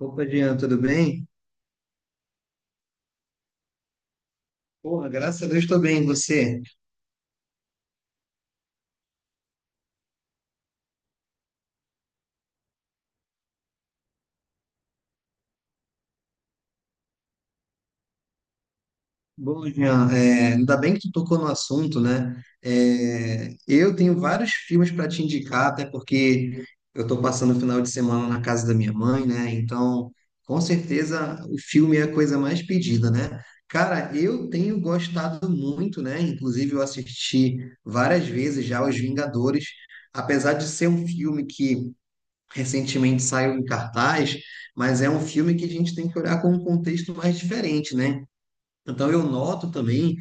Opa, Jean, tudo bem? Porra, graças a Deus estou bem, e você? Bom, Jean, ainda bem que tu tocou no assunto, né? Eu tenho vários filmes para te indicar, até porque eu estou passando o final de semana na casa da minha mãe, né? Então, com certeza, o filme é a coisa mais pedida, né? Cara, eu tenho gostado muito, né? Inclusive, eu assisti várias vezes já Os Vingadores, apesar de ser um filme que recentemente saiu em cartaz, mas é um filme que a gente tem que olhar com um contexto mais diferente, né? Então eu noto também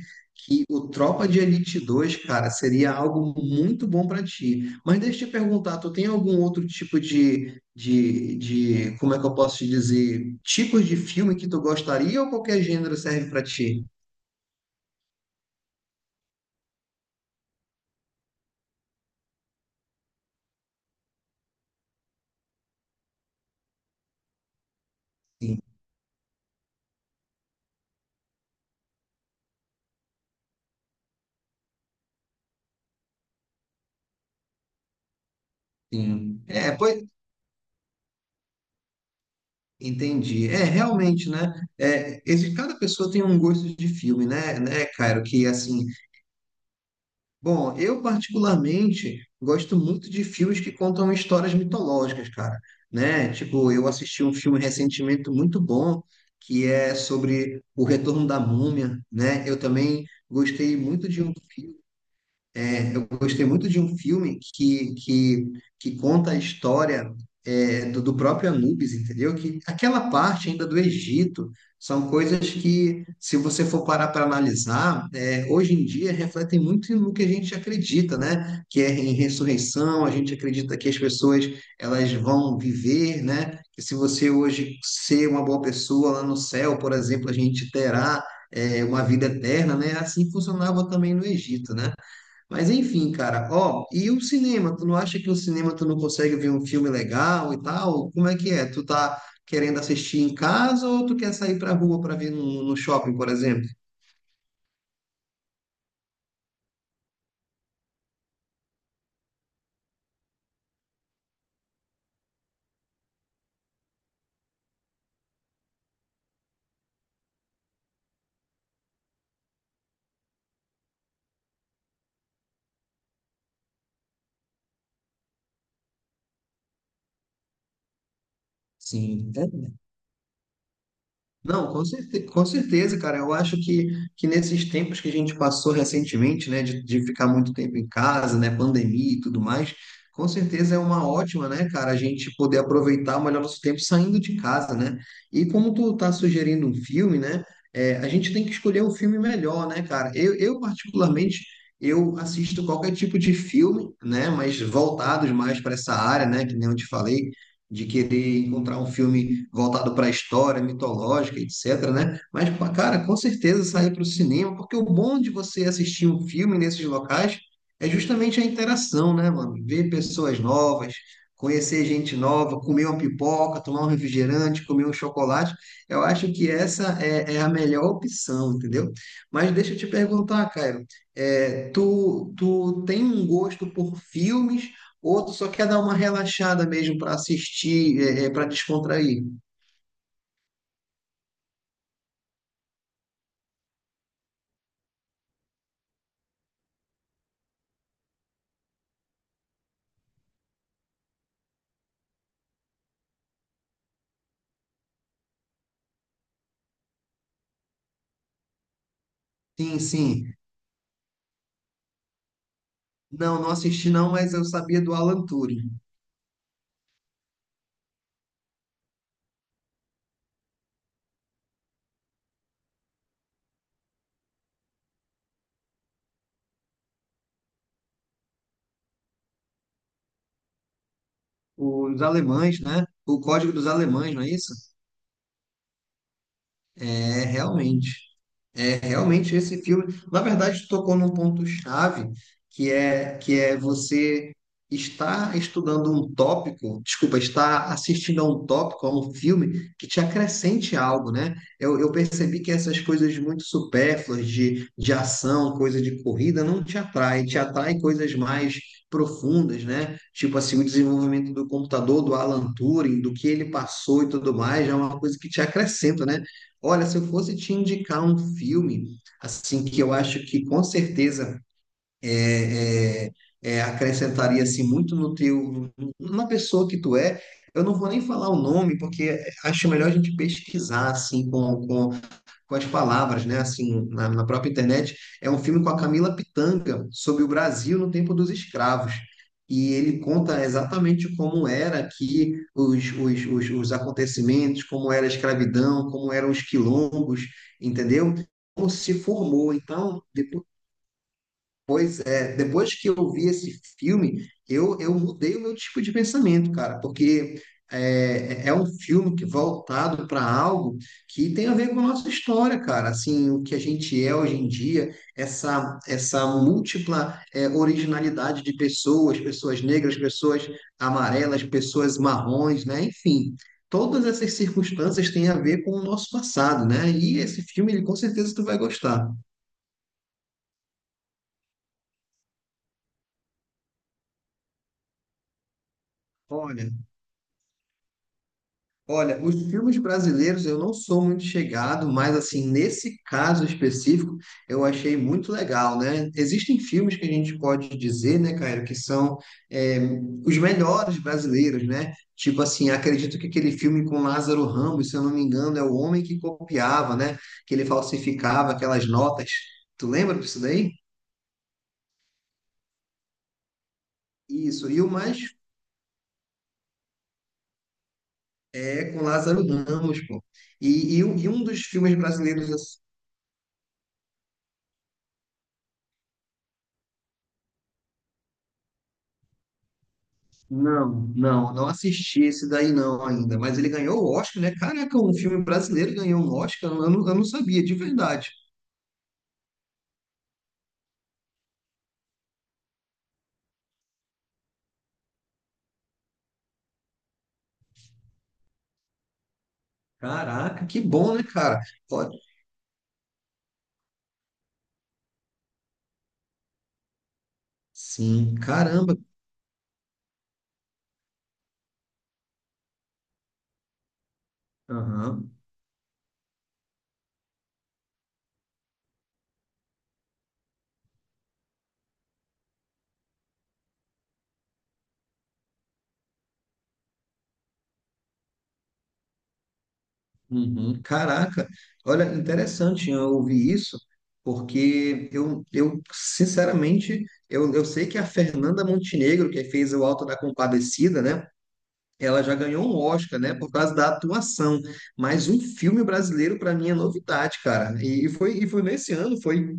que o Tropa de Elite 2, cara, seria algo muito bom para ti. Mas deixa eu te perguntar, tu tem algum outro tipo de, como é que eu posso te dizer, tipos de filme que tu gostaria ou qualquer gênero serve para ti? Sim, sim. É, pois, entendi. É, realmente, né? Cada pessoa tem um gosto de filme, né, Cairo? Que, assim, bom, eu particularmente gosto muito de filmes que contam histórias mitológicas, cara, né? Tipo, eu assisti um filme recentemente muito bom, que é sobre o retorno da múmia, né? Eu também gostei muito de um filme é, eu gostei muito de um filme que conta a história do próprio Anubis, entendeu? Que aquela parte ainda do Egito são coisas que, se você for parar para analisar, hoje em dia refletem muito no que a gente acredita, né? Que é em ressurreição, a gente acredita que as pessoas elas vão viver, né? Que se você hoje ser uma boa pessoa lá no céu, por exemplo, a gente terá uma vida eterna, né? Assim funcionava também no Egito, né? Mas enfim, cara, ó, e o cinema? Tu não acha que o cinema tu não consegue ver um filme legal e tal? Como é que é? Tu tá querendo assistir em casa ou tu quer sair pra rua pra ver no shopping, por exemplo? Sim. Não, com certe- Com certeza, cara. Eu acho que nesses tempos que a gente passou recentemente, né, de ficar muito tempo em casa, né, pandemia e tudo mais, com certeza é uma ótima, né, cara, a gente poder aproveitar melhor nosso tempo saindo de casa, né? E como tu tá sugerindo um filme, né, a gente tem que escolher um filme melhor, né, cara? Eu particularmente, eu assisto qualquer tipo de filme, né, mas voltados mais para essa área, né, que nem eu te falei de querer encontrar um filme voltado para a história mitológica, etc, né? Mas, pá, cara, com certeza sair para o cinema, porque o bom de você assistir um filme nesses locais é justamente a interação, né, mano? Ver pessoas novas, conhecer gente nova, comer uma pipoca, tomar um refrigerante, comer um chocolate. Eu acho que é a melhor opção, entendeu? Mas deixa eu te perguntar, Caio, tu tem um gosto por filmes. Outro só quer dar uma relaxada mesmo para assistir, para descontrair? Sim, sim. Não, não assisti não, mas eu sabia do Alan Turing. Os alemães, né? O Código dos Alemães, não é isso? É, realmente. É, realmente esse filme, na verdade, tocou num ponto-chave, que é você estar estudando um tópico, desculpa, estar assistindo a um tópico, a um filme que te acrescente algo, né? Eu percebi que essas coisas muito supérfluas de ação, coisa de corrida, não te atrai, te atrai coisas mais profundas, né? Tipo assim, o desenvolvimento do computador, do Alan Turing, do que ele passou e tudo mais, é uma coisa que te acrescenta, né? Olha, se eu fosse te indicar um filme, assim, que eu acho que com certeza é, é, acrescentaria assim, muito no teu, na pessoa que tu é, eu não vou nem falar o nome, porque acho melhor a gente pesquisar assim, com as palavras, né? Assim, na própria internet, é um filme com a Camila Pitanga sobre o Brasil no tempo dos escravos. E ele conta exatamente como era aqui os acontecimentos, como era a escravidão, como eram os quilombos, entendeu? Como se formou. Então, depois pois é, depois que eu vi esse filme, eu mudei o meu tipo de pensamento, cara, porque é um filme que voltado para algo que tem a ver com a nossa história, cara, assim, o que a gente é hoje em dia, essa múltipla originalidade de pessoas, pessoas negras, pessoas amarelas, pessoas marrons, né, enfim. Todas essas circunstâncias têm a ver com o nosso passado, né? E esse filme, ele, com certeza, tu vai gostar. Olha, Olha, os filmes brasileiros eu não sou muito chegado, mas assim, nesse caso específico, eu achei muito legal, né? Existem filmes que a gente pode dizer, né, Caio, que são é, os melhores brasileiros, né? Tipo assim, acredito que aquele filme com Lázaro Ramos, se eu não me engano, é o homem que copiava, né? Que ele falsificava aquelas notas. Tu lembra disso daí? Isso, e o mais é com Lázaro Ramos, pô. E, um dos filmes brasileiros. Não, não assisti esse daí não ainda, mas ele ganhou o Oscar, né? Caraca, um filme brasileiro ganhou um Oscar, eu não sabia, de verdade. Caraca, que bom, né, cara? Ó, sim, caramba. Aham, uhum, caraca. Olha, interessante eu ouvir isso, porque eu sinceramente, eu sei que a Fernanda Montenegro, que fez o Alto da Compadecida, né? Ela já ganhou um Oscar, né, por causa da atuação. Mas um filme brasileiro, para mim, é novidade, cara. E foi nesse ano, foi.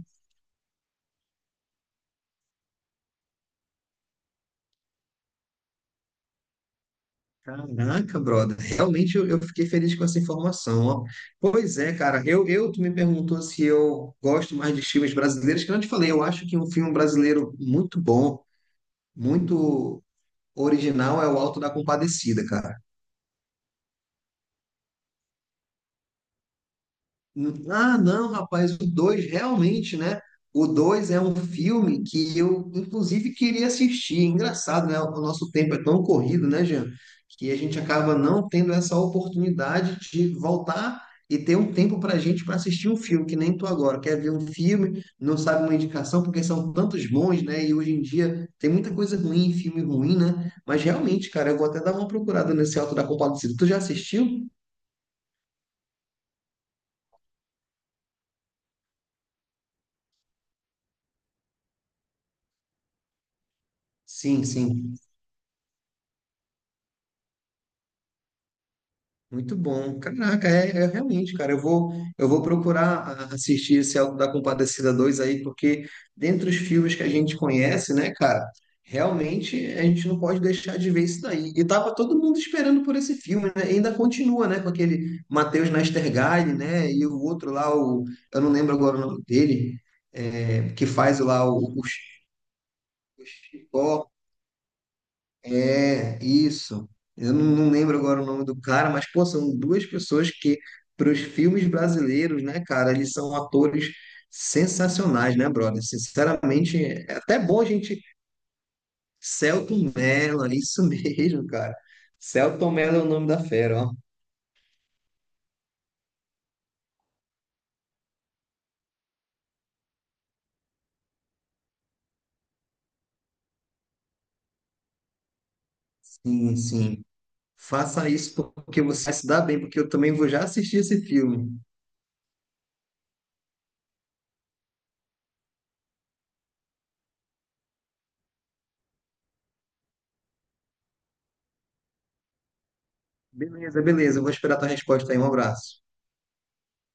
Caraca, brother. Realmente eu fiquei feliz com essa informação, ó. Pois é, cara. Tu me perguntou se eu gosto mais de filmes brasileiros, que eu não te falei. Eu acho que um filme brasileiro muito bom, muito original, é o Alto da Compadecida, cara. Ah, não, rapaz, o 2 realmente, né? O 2 é um filme que eu, inclusive, queria assistir. É engraçado, né? O nosso tempo é tão corrido, né, Jean? Que a gente acaba não tendo essa oportunidade de voltar e ter um tempo para a gente para assistir um filme, que nem tu agora. Quer ver um filme, não sabe uma indicação, porque são tantos bons, né? E hoje em dia tem muita coisa ruim, filme ruim, né? Mas realmente, cara, eu vou até dar uma procurada nesse Alto da Compadecida. Tu já assistiu? Sim, sim. Muito bom. Caraca, realmente, cara. Eu vou procurar assistir esse Auto da Compadecida 2 aí, porque dentre os filmes que a gente conhece, né, cara, realmente a gente não pode deixar de ver isso daí. E tava todo mundo esperando por esse filme, né? E ainda continua, né, com aquele Matheus Nachtergaele, né, e o outro lá, o, eu não lembro agora o nome dele, que faz lá o Chicó. É, isso. Eu não, não lembro agora o nome do cara, mas, pô, são duas pessoas que, para os filmes brasileiros, né, cara, eles são atores sensacionais, né, brother? Sinceramente, é até bom a gente. Selton Mello, é isso mesmo, cara. Selton Mello é o nome da fera, ó. Sim, sim. Faça isso porque você vai se dar bem, porque eu também vou já assistir esse filme. Beleza, beleza. Eu vou esperar a tua resposta aí. Um abraço.